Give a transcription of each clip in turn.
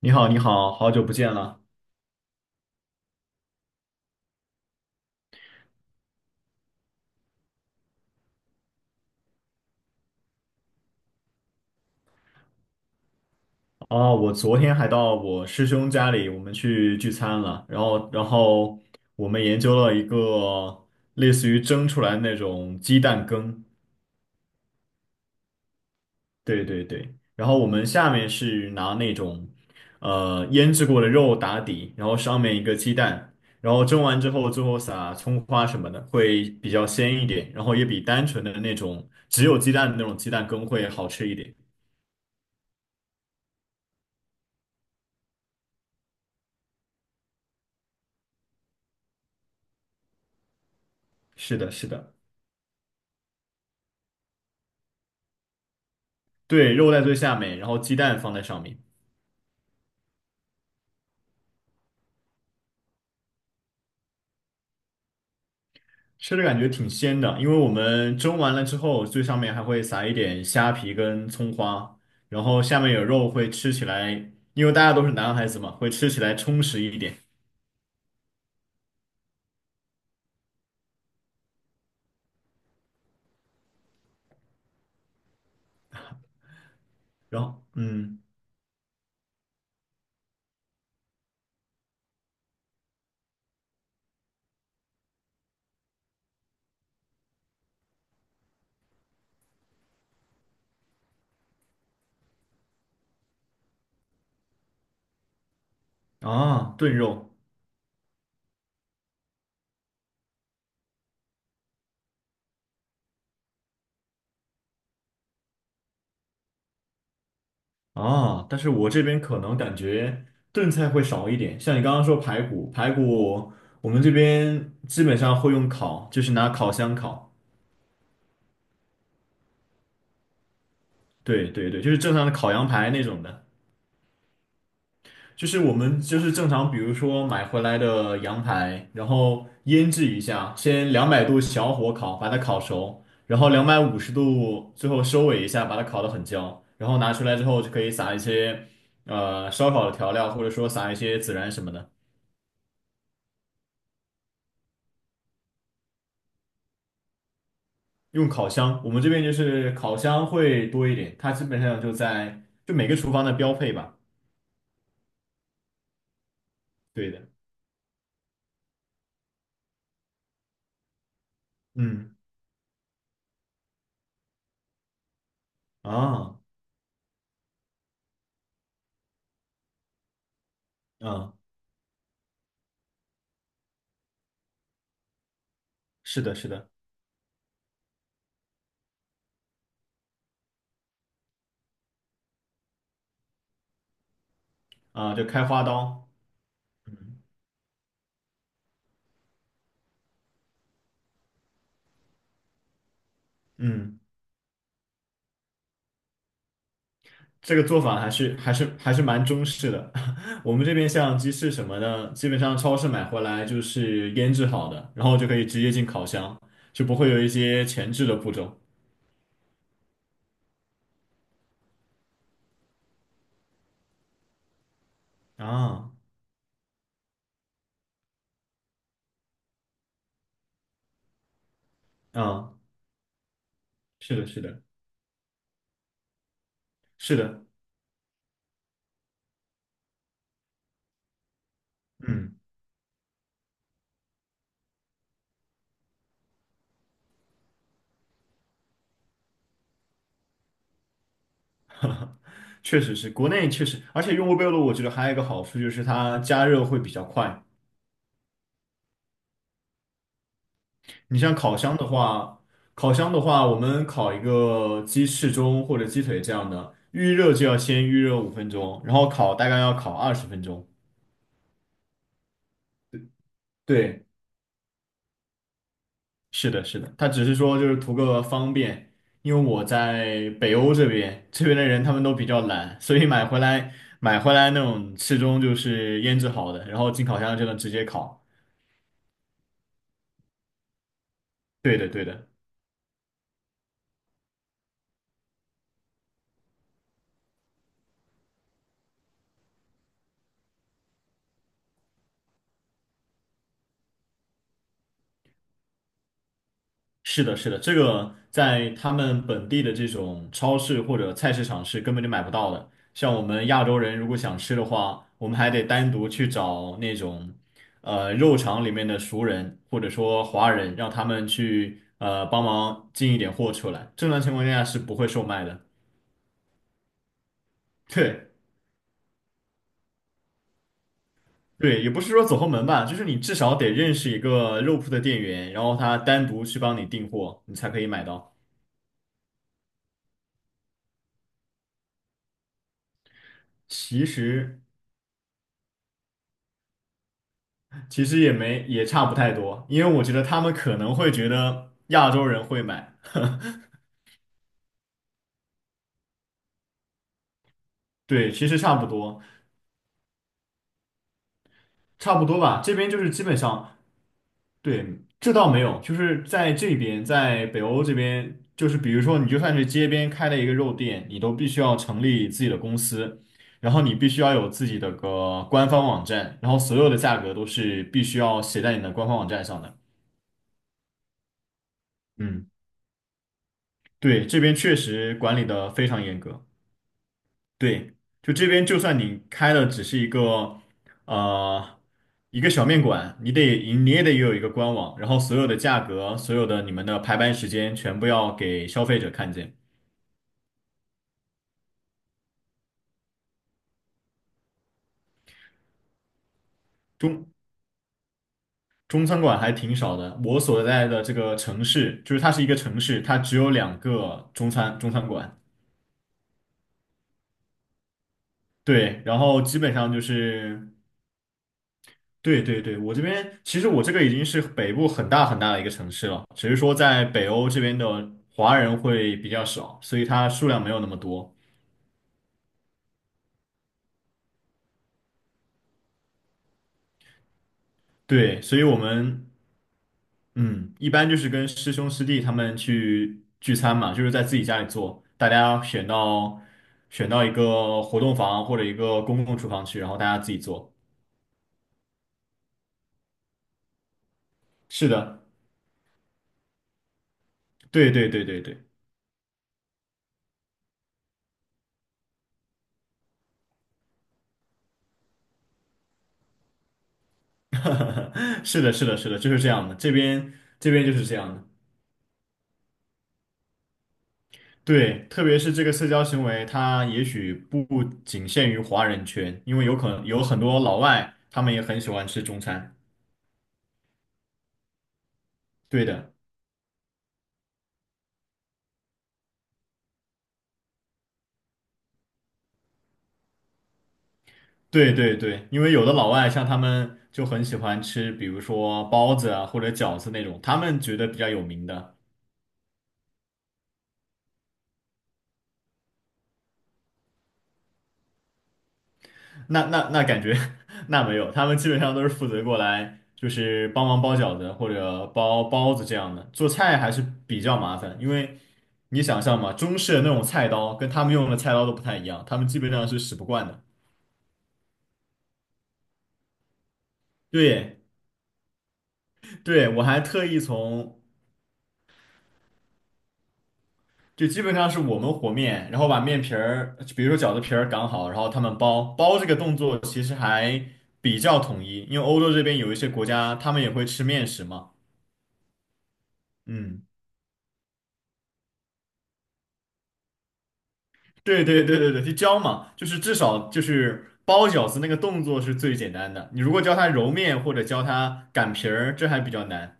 你好，你好，好久不见了哦！我昨天还到我师兄家里，我们去聚餐了，然后我们研究了一个类似于蒸出来那种鸡蛋羹，对对对，然后我们下面是拿那种腌制过的肉打底，然后上面一个鸡蛋，然后蒸完之后，最后撒葱花什么的，会比较鲜一点，然后也比单纯的那种只有鸡蛋的那种鸡蛋羹会好吃一点。是的，是的。对，肉在最下面，然后鸡蛋放在上面，吃着感觉挺鲜的。因为我们蒸完了之后，最上面还会撒一点虾皮跟葱花，然后下面有肉，会吃起来，因为大家都是男孩子嘛，会吃起来充实一点。然后，嗯，啊，炖肉啊，但是我这边可能感觉炖菜会少一点。像你刚刚说排骨，排骨我们这边基本上会用烤，就是拿烤箱烤。对对对，就是正常的烤羊排那种的。就是我们就是正常，比如说买回来的羊排，然后腌制一下，先200度小火烤，把它烤熟，然后250度最后收尾一下，把它烤得很焦，然后拿出来之后就可以撒一些烧烤的调料，或者说撒一些孜然什么的。用烤箱，我们这边就是烤箱会多一点，它基本上就每个厨房的标配吧。对的，嗯，啊啊，是的，是的啊，就开花刀，嗯嗯。这个做法还是蛮中式的。我们这边像鸡翅什么的，基本上超市买回来就是腌制好的，然后就可以直接进烤箱，就不会有一些前置的步骤。啊啊，是的，是的，是的，嗯，确实是，国内确实，而且用微波炉，我觉得还有一个好处就是它加热会比较快。你像烤箱的话，我们烤一个鸡翅中或者鸡腿这样的，预热就要先预热5分钟，然后烤大概要烤20分钟。对，是的，是的，他只是说就是图个方便，因为我在北欧这边，这边的人他们都比较懒，所以买回来那种翅中就是腌制好的，然后进烤箱就能直接烤。对的，对的。是的，是的，这个在他们本地的这种超市或者菜市场是根本就买不到的。像我们亚洲人如果想吃的话，我们还得单独去找那种肉场里面的熟人或者说华人，让他们去帮忙进一点货出来。正常情况下是不会售卖的。对对，也不是说走后门吧，就是你至少得认识一个肉铺的店员，然后他单独去帮你订货，你才可以买到。其实其实也差不太多，因为我觉得他们可能会觉得亚洲人会买，对，其实差不多，差不多吧。这边就是基本上，对，这倒没有，就是在这边，在北欧这边，就是比如说你就算是街边开了一个肉店，你都必须要成立自己的公司，然后你必须要有自己的个官方网站，然后所有的价格都是必须要写在你的官方网站上的。嗯，对，这边确实管理的非常严格。对，就这边就算你开的只是呃一个小面馆，你也得有一个官网，然后所有的价格、所有的你们的排班时间全部要给消费者看见。中中餐馆还挺少的，我所在的这个城市，就是它是一个城市，它只有两个中餐馆。对，然后基本上就是。对对对，我这边其实我这个已经是北部很大很大的一个城市了，只是说在北欧这边的华人会比较少，所以它数量没有那么多。对，所以我们嗯，一般就是跟师兄师弟他们去聚餐嘛，就是在自己家里做，大家选到一个活动房或者一个公共厨房去，然后大家自己做。是的，对对对对对，是的，是的，是的，就是这样的，这边就是这样的。对，特别是这个社交行为，它也许不仅限于华人圈，因为有可能有很多老外，他们也很喜欢吃中餐。对的，对对对，因为有的老外像他们就很喜欢吃，比如说包子啊或者饺子那种，他们觉得比较有名的。那感觉 那没有，他们基本上都是负责过来就是帮忙包饺子或者包包子这样的，做菜还是比较麻烦，因为你想象嘛，中式的那种菜刀跟他们用的菜刀都不太一样，他们基本上是使不惯的。对，对，我还特意从，就基本上是我们和面，然后把面皮儿，比如说饺子皮儿擀好，然后他们包这个动作其实还比较统一，因为欧洲这边有一些国家他们也会吃面食嘛。嗯，对对对对对，就教嘛，就是至少就是包饺子那个动作是最简单的，你如果教他揉面或者教他擀皮儿，这还比较难，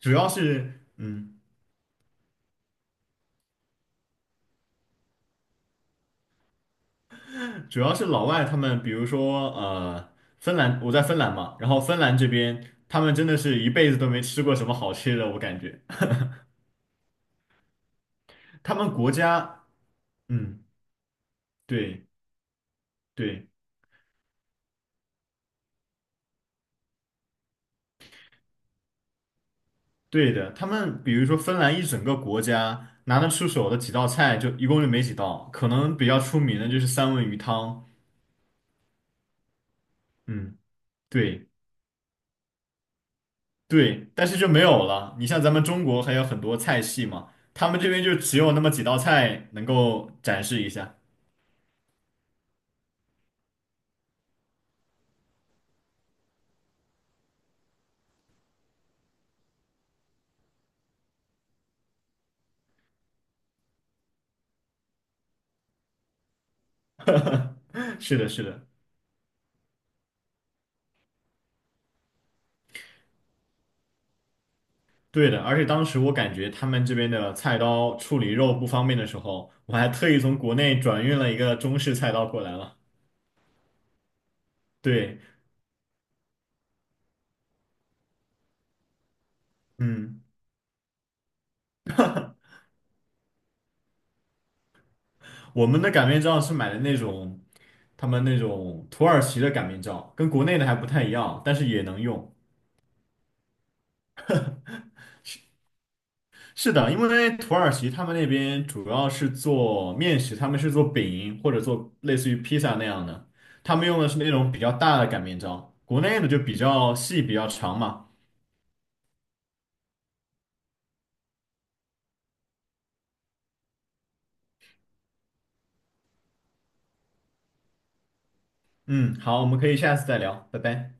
主要是嗯。主要是老外他们，比如说芬兰，我在芬兰嘛，然后芬兰这边他们真的是一辈子都没吃过什么好吃的，我感觉他们国家，嗯，对对对的，他们比如说芬兰一整个国家拿得出手的几道菜就一共就没几道，可能比较出名的就是三文鱼汤，嗯，对对，但是就没有了。你像咱们中国还有很多菜系嘛，他们这边就只有那么几道菜能够展示一下。是的，是的。对的，而且当时我感觉他们这边的菜刀处理肉不方便的时候，我还特意从国内转运了一个中式菜刀过来了。对，嗯，我们的擀面杖是买的那种他们那种土耳其的擀面杖，跟国内的还不太一样，但是也能用。是的，因为土耳其他们那边主要是做面食，他们是做饼或者做类似于披萨那样的，他们用的是那种比较大的擀面杖，国内的就比较细比较长嘛。嗯，好，我们可以下次再聊，拜拜。